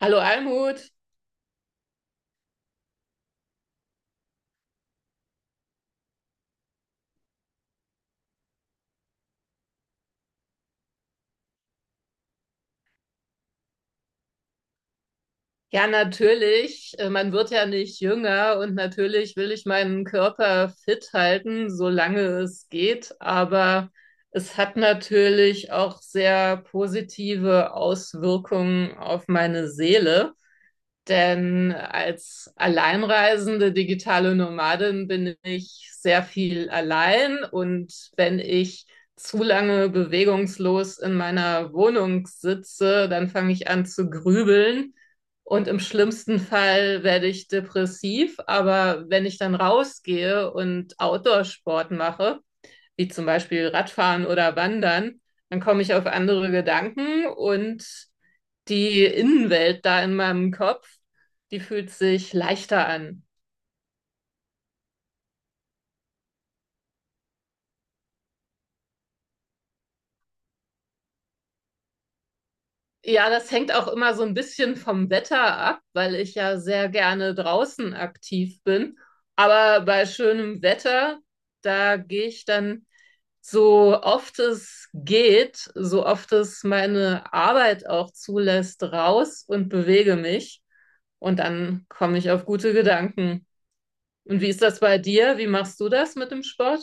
Hallo Almut. Ja, natürlich. Man wird ja nicht jünger und natürlich will ich meinen Körper fit halten, solange es geht. Aber es hat natürlich auch sehr positive Auswirkungen auf meine Seele. Denn als alleinreisende digitale Nomadin bin ich sehr viel allein, und wenn ich zu lange bewegungslos in meiner Wohnung sitze, dann fange ich an zu grübeln und im schlimmsten Fall werde ich depressiv. Aber wenn ich dann rausgehe und Outdoor-Sport mache, wie zum Beispiel Radfahren oder Wandern, dann komme ich auf andere Gedanken, und die Innenwelt da in meinem Kopf, die fühlt sich leichter an. Ja, das hängt auch immer so ein bisschen vom Wetter ab, weil ich ja sehr gerne draußen aktiv bin. Aber bei schönem Wetter, da gehe ich dann, so oft es geht, so oft es meine Arbeit auch zulässt, raus und bewege mich. Und dann komme ich auf gute Gedanken. Und wie ist das bei dir? Wie machst du das mit dem Sport?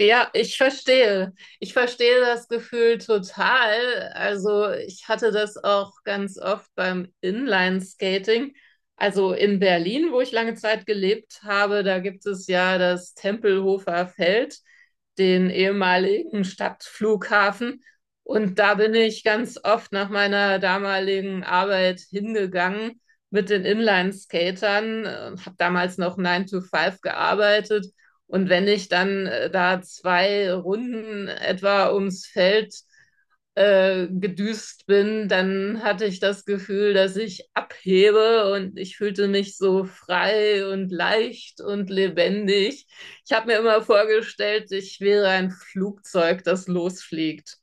Ja, ich verstehe. Ich verstehe das Gefühl total. Also ich hatte das auch ganz oft beim Inline-Skating. Also in Berlin, wo ich lange Zeit gelebt habe, da gibt es ja das Tempelhofer Feld, den ehemaligen Stadtflughafen. Und da bin ich ganz oft nach meiner damaligen Arbeit hingegangen mit den Inline-Skatern und habe damals noch Nine to Five gearbeitet, und wenn ich dann da zwei Runden etwa ums Feld gedüst bin, dann hatte ich das Gefühl, dass ich abhebe und ich fühlte mich so frei und leicht und lebendig. Ich habe mir immer vorgestellt, ich wäre ein Flugzeug, das losfliegt.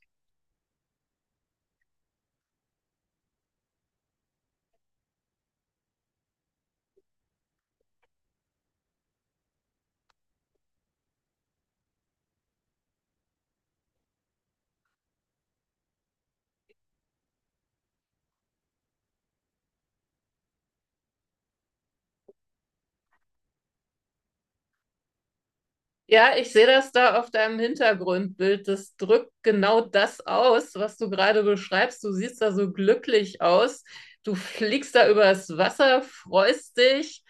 Ja, ich sehe das da auf deinem Hintergrundbild. Das drückt genau das aus, was du gerade beschreibst. Du siehst da so glücklich aus. Du fliegst da übers Wasser, freust dich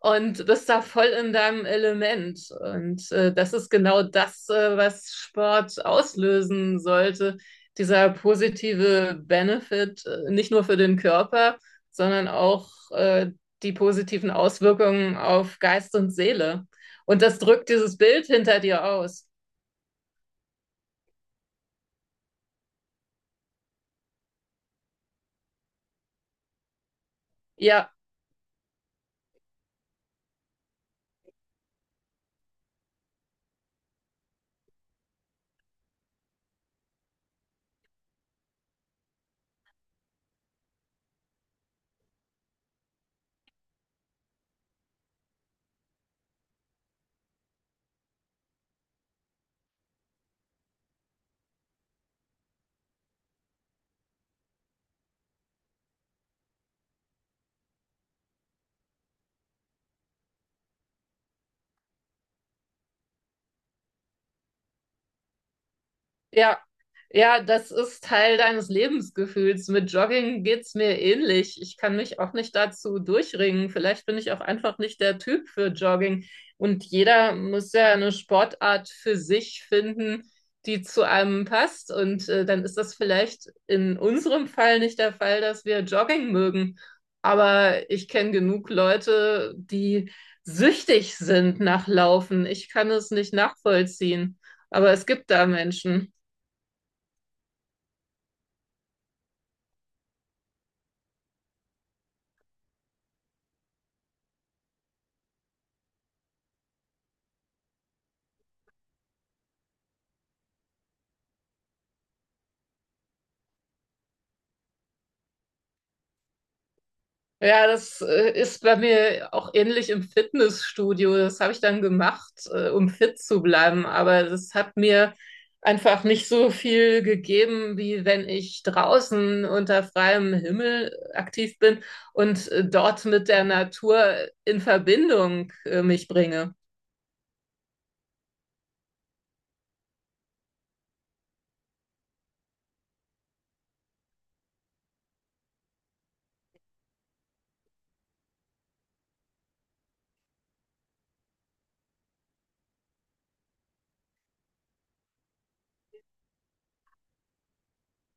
und bist da voll in deinem Element. Und das ist genau das, was Sport auslösen sollte. Dieser positive Benefit, nicht nur für den Körper, sondern auch die positiven Auswirkungen auf Geist und Seele. Und das drückt dieses Bild hinter dir aus. Ja, ja, ja, das ist Teil deines Lebensgefühls. Mit Jogging geht's mir ähnlich. Ich kann mich auch nicht dazu durchringen. Vielleicht bin ich auch einfach nicht der Typ für Jogging. Und jeder muss ja eine Sportart für sich finden, die zu einem passt. Und dann ist das vielleicht in unserem Fall nicht der Fall, dass wir Jogging mögen. Aber ich kenne genug Leute, die süchtig sind nach Laufen. Ich kann es nicht nachvollziehen. Aber es gibt da Menschen. Ja, das ist bei mir auch ähnlich im Fitnessstudio. Das habe ich dann gemacht, um fit zu bleiben. Aber das hat mir einfach nicht so viel gegeben, wie wenn ich draußen unter freiem Himmel aktiv bin und dort mit der Natur in Verbindung mich bringe.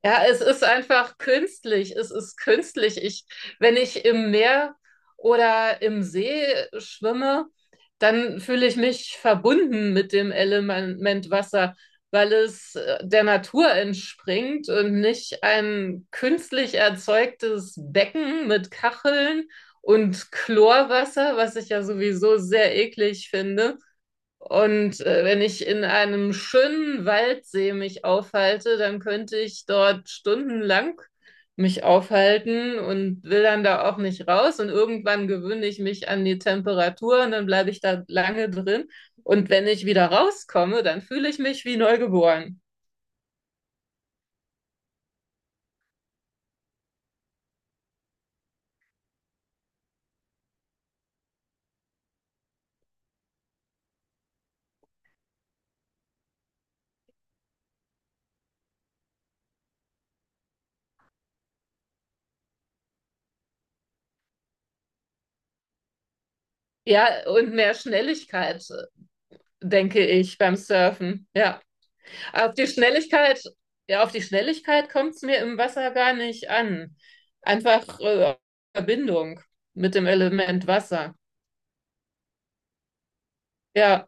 Ja, es ist einfach künstlich. Es ist künstlich. Wenn ich im Meer oder im See schwimme, dann fühle ich mich verbunden mit dem Element Wasser, weil es der Natur entspringt und nicht ein künstlich erzeugtes Becken mit Kacheln und Chlorwasser, was ich ja sowieso sehr eklig finde. Und wenn ich in einem schönen Waldsee mich aufhalte, dann könnte ich dort stundenlang mich aufhalten und will dann da auch nicht raus. Und irgendwann gewöhne ich mich an die Temperatur und dann bleibe ich da lange drin. Und wenn ich wieder rauskomme, dann fühle ich mich wie neugeboren. Ja, und mehr Schnelligkeit, denke ich, beim Surfen. Ja. Auf die Schnelligkeit, ja, auf die Schnelligkeit kommt es mir im Wasser gar nicht an. Einfach Verbindung mit dem Element Wasser. Ja,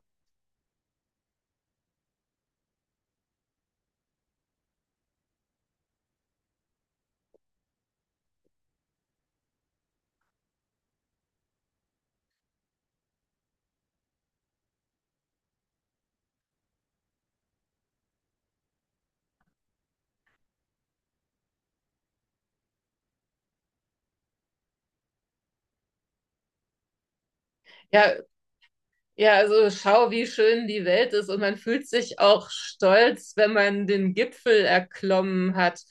ja, ja, also schau, wie schön die Welt ist, und man fühlt sich auch stolz, wenn man den Gipfel erklommen hat.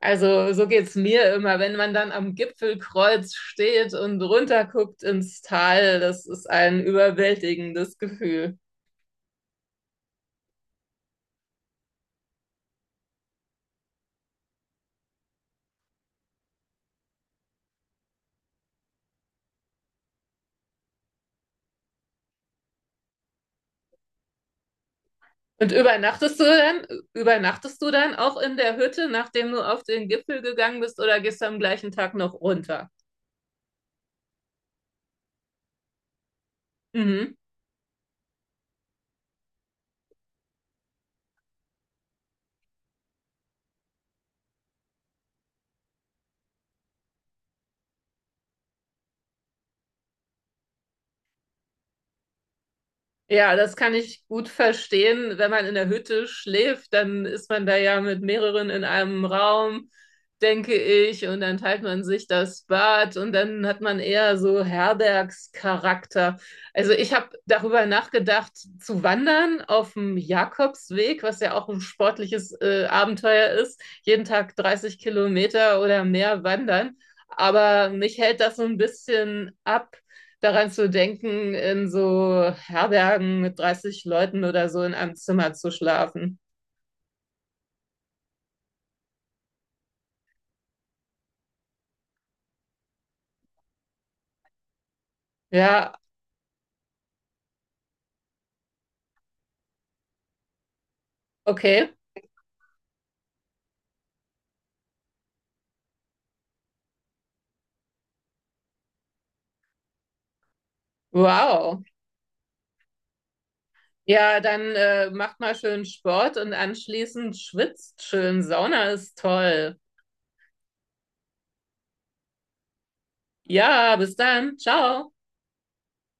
Also so geht's mir immer, wenn man dann am Gipfelkreuz steht und runterguckt ins Tal, das ist ein überwältigendes Gefühl. Und übernachtest du dann auch in der Hütte, nachdem du auf den Gipfel gegangen bist, oder gehst du am gleichen Tag noch runter? Mhm. Ja, das kann ich gut verstehen. Wenn man in der Hütte schläft, dann ist man da ja mit mehreren in einem Raum, denke ich, und dann teilt man sich das Bad und dann hat man eher so Herbergscharakter. Also ich habe darüber nachgedacht, zu wandern auf dem Jakobsweg, was ja auch ein sportliches Abenteuer ist, jeden Tag 30 Kilometer oder mehr wandern. Aber mich hält das so ein bisschen ab, daran zu denken, in so Herbergen mit 30 Leuten oder so in einem Zimmer zu schlafen. Ja, okay. Wow. Ja, dann macht mal schön Sport und anschließend schwitzt schön. Sauna ist toll. Ja, bis dann. Ciao.